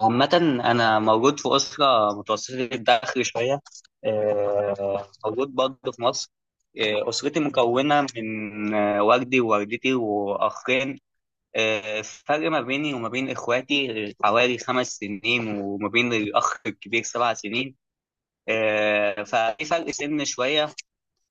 عامة، أنا موجود في أسرة متوسطة الدخل شوية. موجود برضه في مصر. أسرتي مكونة من والدي ووالدتي وأخين. الفرق ما بيني وما بين إخواتي حوالي 5 سنين، وما بين الأخ الكبير 7 سنين. ففي فرق سن شوية،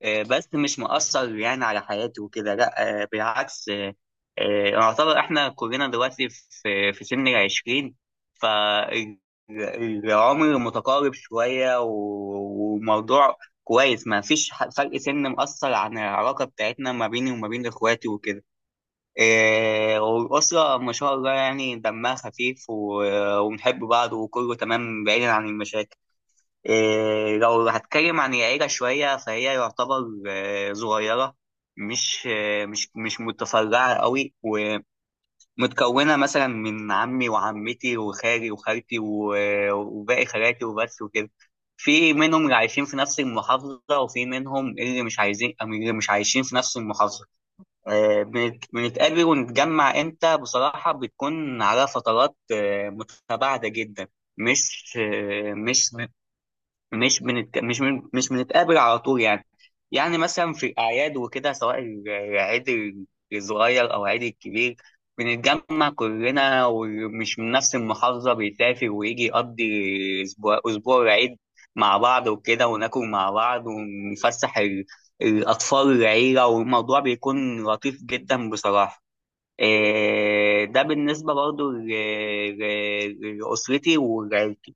بس مش مؤثر يعني على حياته وكده، لا. بالعكس، يعتبر احنا كلنا دلوقتي في سن العشرين. فالعمر متقارب شوية وموضوع كويس، ما فيش فرق سن مؤثر عن العلاقة بتاعتنا ما بيني وما بين اخواتي وكده. والأسرة ما شاء الله يعني دمها خفيف وبنحب بعض، وكله تمام بعيدا عن المشاكل. إيه، لو هتكلم عن العيلة شوية فهي يعتبر صغيرة، مش مش متفرعة قوي. ومتكونة مثلا من عمي وعمتي وخالي وخالتي وباقي خالاتي وبس وكده. في منهم اللي عايشين في نفس المحافظة، وفي منهم اللي مش عايزين اللي مش عايشين في نفس المحافظة. بنتقابل ونتجمع امتى؟ بصراحة بتكون على فترات متباعدة جدا. مش آه، مش مش بنت... مش من... مش بنتقابل على طول يعني. يعني مثلا في الأعياد وكده، سواء العيد الصغير أو العيد الكبير، بنتجمع كلنا، ومش من نفس المحافظة بيسافر ويجي يقضي أسبوع العيد مع بعض وكده، وناكل مع بعض، ونفسح الأطفال العيلة. والموضوع بيكون لطيف جدا بصراحة. إيه، ده بالنسبة برضو لأسرتي وعيلتي.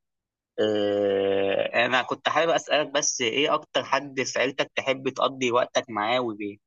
انا كنت حابب اسالك، بس ايه اكتر حد في عيلتك تحب تقضي وقتك معاه وليه؟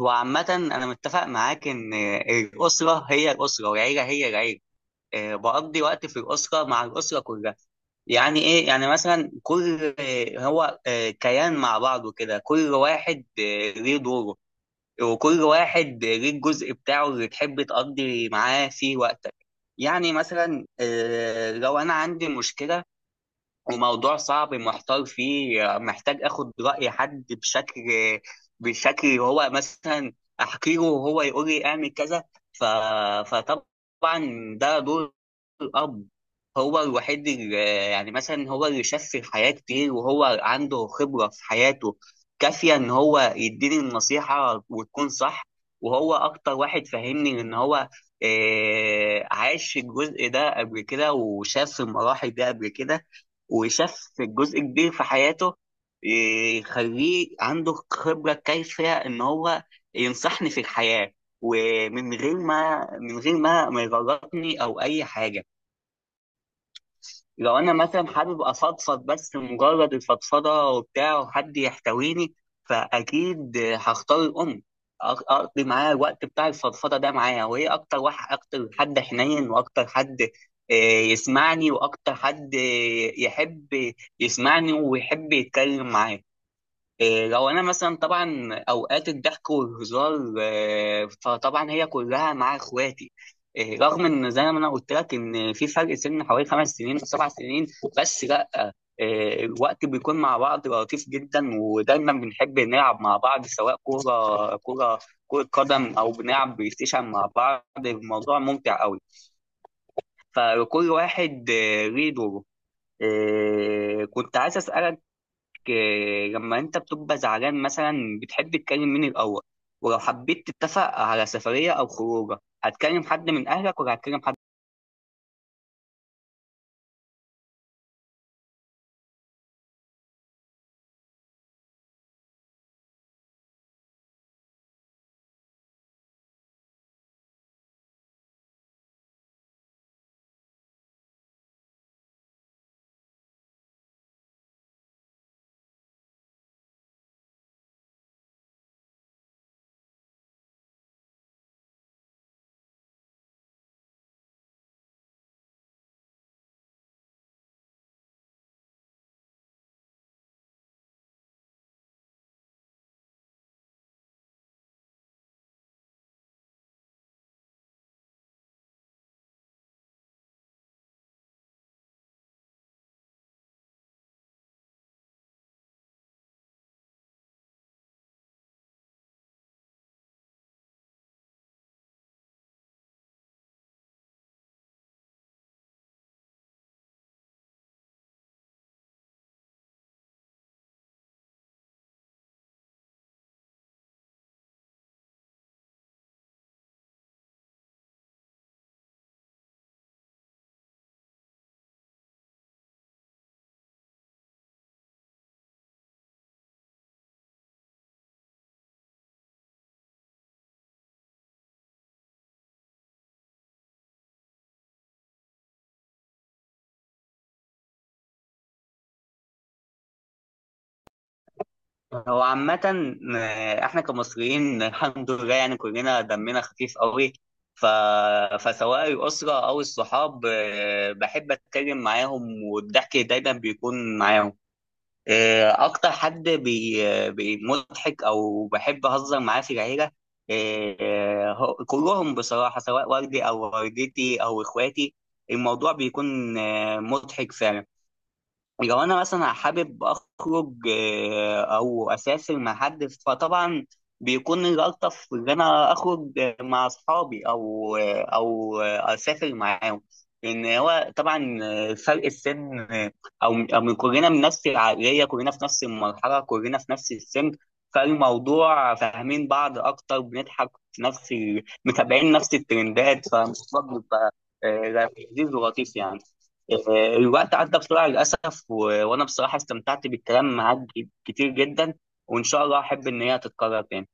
هو عامه انا متفق معاك ان، الاسره هي الاسره والعيله هي العيله. بقضي وقت في الاسره مع الاسره كلها. يعني ايه؟ يعني مثلا كل هو كيان مع بعضه كده. كل واحد ليه دوره، وكل واحد ليه الجزء بتاعه اللي تحب تقضي معاه فيه وقتك. يعني مثلا لو انا عندي مشكله وموضوع صعب محتار فيه، محتاج اخد رأي حد بشكل هو مثلا احكي له وهو يقول لي اعمل كذا. ف... فطبعا ده دور الاب. هو الوحيد اللي، يعني مثلا، هو اللي شاف في الحياة كتير، وهو عنده خبرة في حياته كافية ان هو يديني النصيحة وتكون صح. وهو اكتر واحد فاهمني، ان هو عاش الجزء ده قبل كده وشاف المراحل دي قبل كده، وشاف جزء كبير في حياته، يخليه عنده خبرة كافية إن هو ينصحني في الحياة، ومن غير ما يغلطني أو أي حاجة. لو انا مثلا حابب افضفض، بس مجرد الفضفضه وبتاع وحد يحتويني، فاكيد هختار الام. اقضي معاها الوقت بتاع الفضفضه ده معاها، وهي اكتر حد حنين، واكتر حد آه، يسمعني، واكتر حد يحب يسمعني ويحب يتكلم معايا. إيه، لو انا مثلا طبعا اوقات الضحك والهزار، فطبعا هي كلها مع اخواتي. إيه، رغم ان زي ما انا قلت لك ان في فرق سن حوالي 5 سنين او 7 سنين، بس لا. إيه، الوقت بيكون مع بعض لطيف جدا، ودايما بنحب نلعب مع بعض، سواء كوره كوره كرة قدم او بنلعب بلاي ستيشن مع بعض. الموضوع ممتع قوي، فكل واحد ليه دوره. إيه، كنت عايز اسالك، لما انت بتبقى زعلان مثلا بتحب تكلم مين الاول؟ ولو حبيت تتفق على سفريه او خروجه هتكلم حد من اهلك ولا هتكلم حد؟ هو عامة، احنا كمصريين الحمد لله يعني كلنا دمنا خفيف قوي. ف... فسواء الأسرة أو الصحاب، بحب أتكلم معاهم والضحك دايما بيكون معاهم. اكتر حد مضحك او بحب اهزر معاه في العيله، كلهم بصراحه، سواء والدي او والدتي او اخواتي. الموضوع بيكون مضحك فعلا. لو انا مثلا حابب اخرج او اسافر مع حد، فطبعا بيكون الالطف ان انا اخرج مع اصحابي او آه، او آه، اسافر معاهم. لان هو طبعا فرق السن، آه، او أو من كلنا من نفس العقليه، كلنا في نفس المرحله، كلنا في نفس السن. فالموضوع فاهمين بعض اكتر، بنضحك في نفس متابعين نفس الترندات، فالموضوع بيبقى لذيذ ولطيف يعني. الوقت عدى بسرعة للأسف، وأنا بصراحة استمتعت بالكلام معاك كتير جدا. وإن شاء الله أحب إن هي تتكرر تاني.